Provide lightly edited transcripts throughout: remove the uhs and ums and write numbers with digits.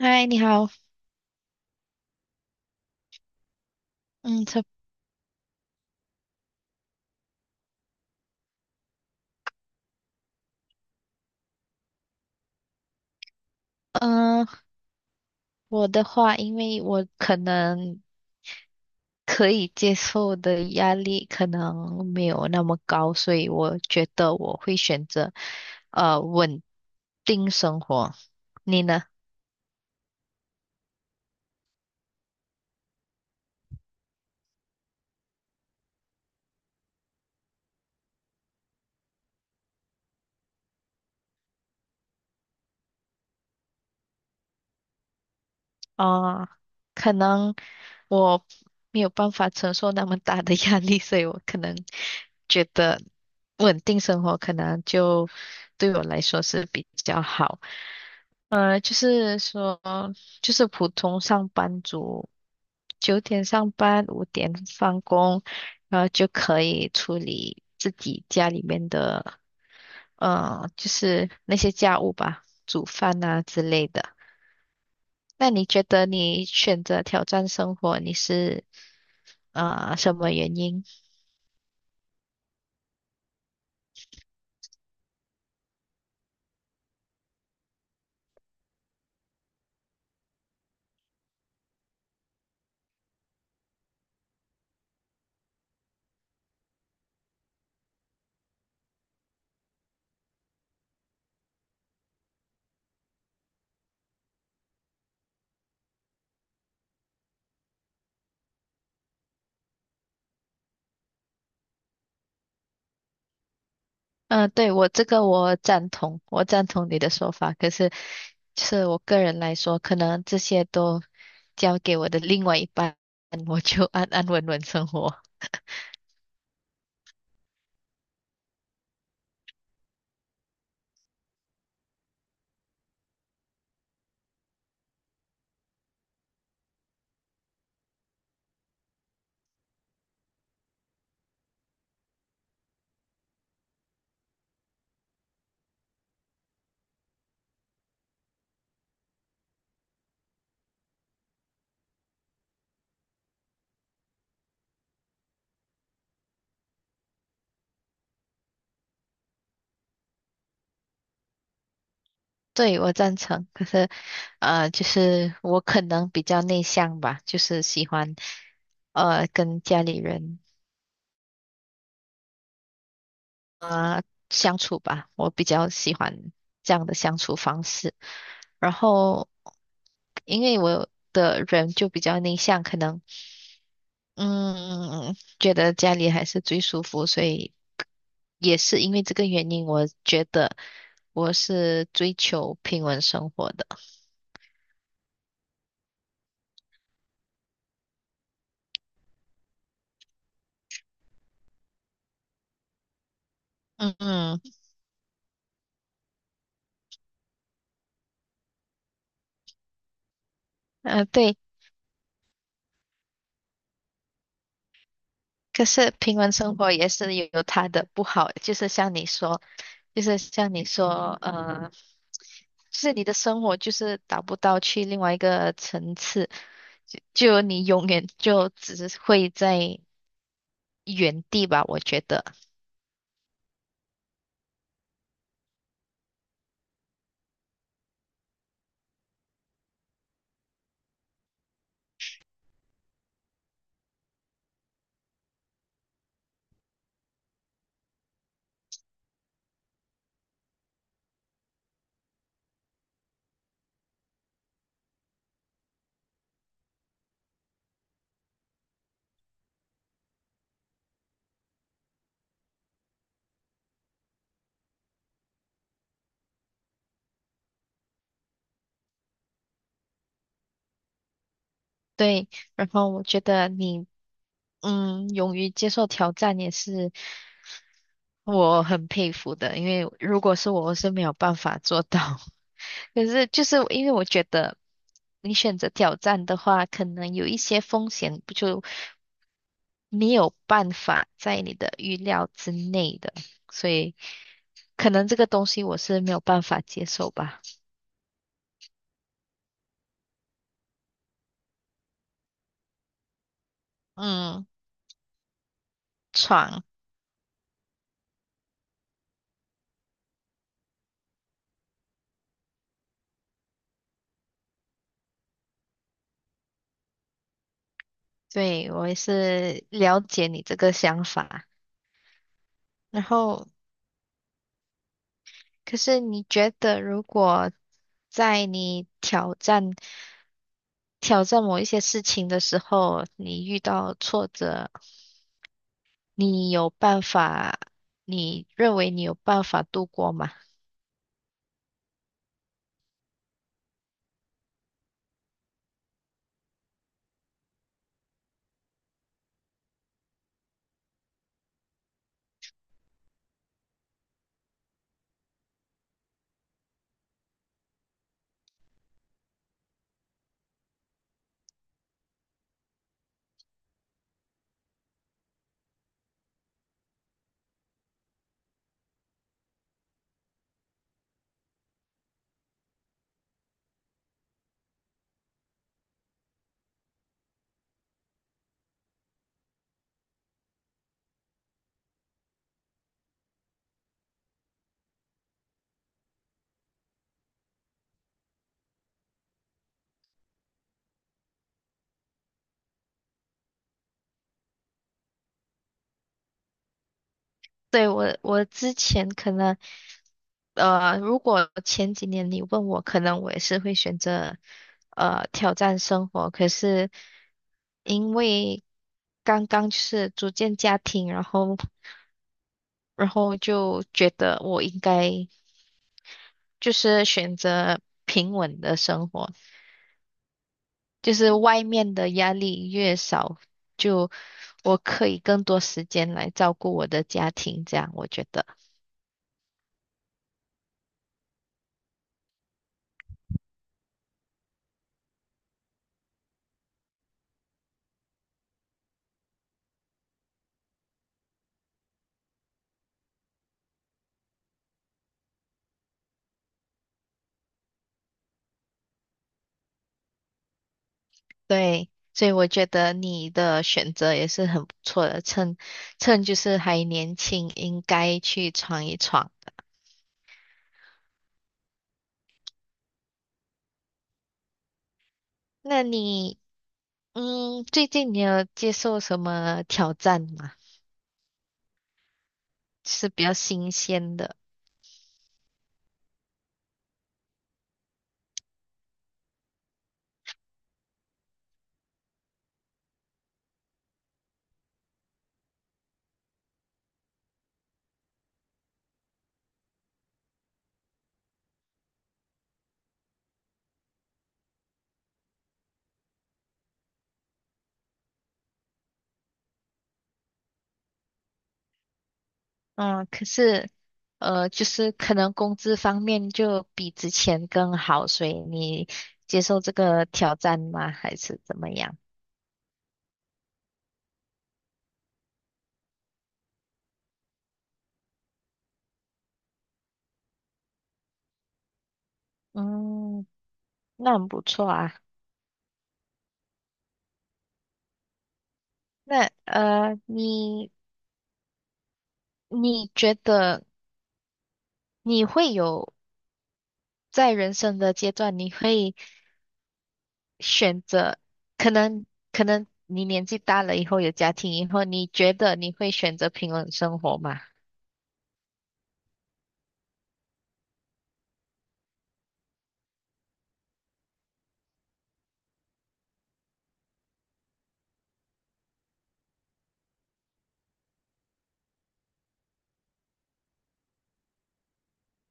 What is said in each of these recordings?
嗨，你好。嗯，差嗯、呃我的话，因为我可能可以接受的压力可能没有那么高，所以我觉得我会选择稳定生活。你呢？啊、可能我没有办法承受那么大的压力，所以我可能觉得稳定生活可能就对我来说是比较好。就是说，就是普通上班族，九点上班，五点放工，然后就可以处理自己家里面的，就是那些家务吧，煮饭啊之类的。那你觉得你选择挑战生活，你是啊什么原因？嗯、对，我赞同你的说法。可是，就是我个人来说，可能这些都交给我的另外一半，我就安安稳稳生活。对，我赞成。可是，就是我可能比较内向吧，就是喜欢，跟家里人啊、呃相处吧。我比较喜欢这样的相处方式。然后，因为我的人就比较内向，可能嗯，觉得家里还是最舒服，所以也是因为这个原因，我觉得我是追求平稳生活的。嗯嗯，对。可是平稳生活也是有它的不好，就是像你说，呃，就是你的生活就是达不到去另外一个层次，就你永远就只是会在原地吧，我觉得。对，然后我觉得你，勇于接受挑战也是。我很佩服的，因为如果是我，我是没有办法做到。可是就是因为我觉得你选择挑战的话，可能有一些风险不就没有办法在你的预料之内的，所以可能这个东西我是没有办法接受吧。嗯，闯，对，我也是了解你这个想法。然后，可是你觉得如果在你挑战？挑战某一些事情的时候，你遇到挫折，你有办法，你认为你有办法度过吗？对，我之前可能，如果前几年你问我，可能我也是会选择，挑战生活。可是因为刚刚就是组建家庭，然后，然后就觉得我应该就是选择平稳的生活。就是外面的压力越少，就我可以更多时间来照顾我的家庭，这样我觉得对，所以我觉得你的选择也是很不错的，趁就是还年轻，应该去闯一闯的。那你嗯，最近你有接受什么挑战吗？是比较新鲜的，嗯，可是就是可能工资方面就比之前更好，所以你接受这个挑战吗？还是怎么样？嗯，那很不错啊。那你你觉得你会有在人生的阶段，你会选择可能可能你年纪大了以后有家庭以后，你觉得你会选择平稳生活吗？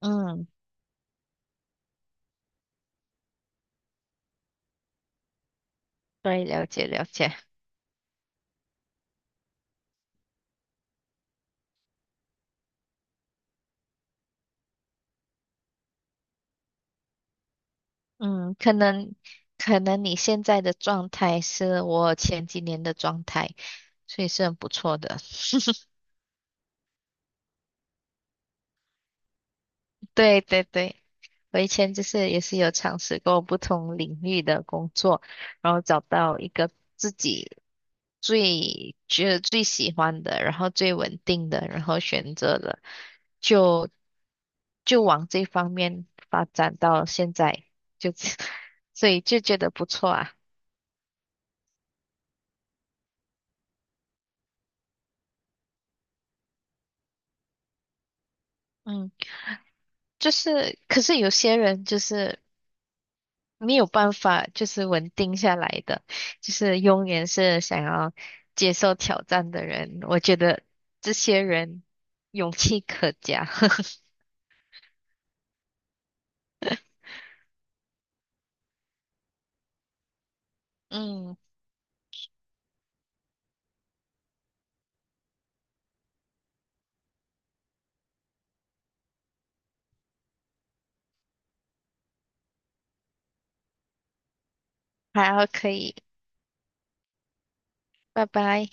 嗯，对，了解了解。嗯，可能可能你现在的状态是我前几年的状态，所以是很不错的。对对对，我以前就是也是有尝试过不同领域的工作，然后找到一个自己最觉得最喜欢的，然后最稳定的，然后选择了就就往这方面发展到现在，就 所以就觉得不错啊。嗯，就是可是有些人就是。没有办法，就是稳定下来的，就是永远是想要接受挑战的人。我觉得这些人勇气可嘉。嗯，好，可以，拜拜。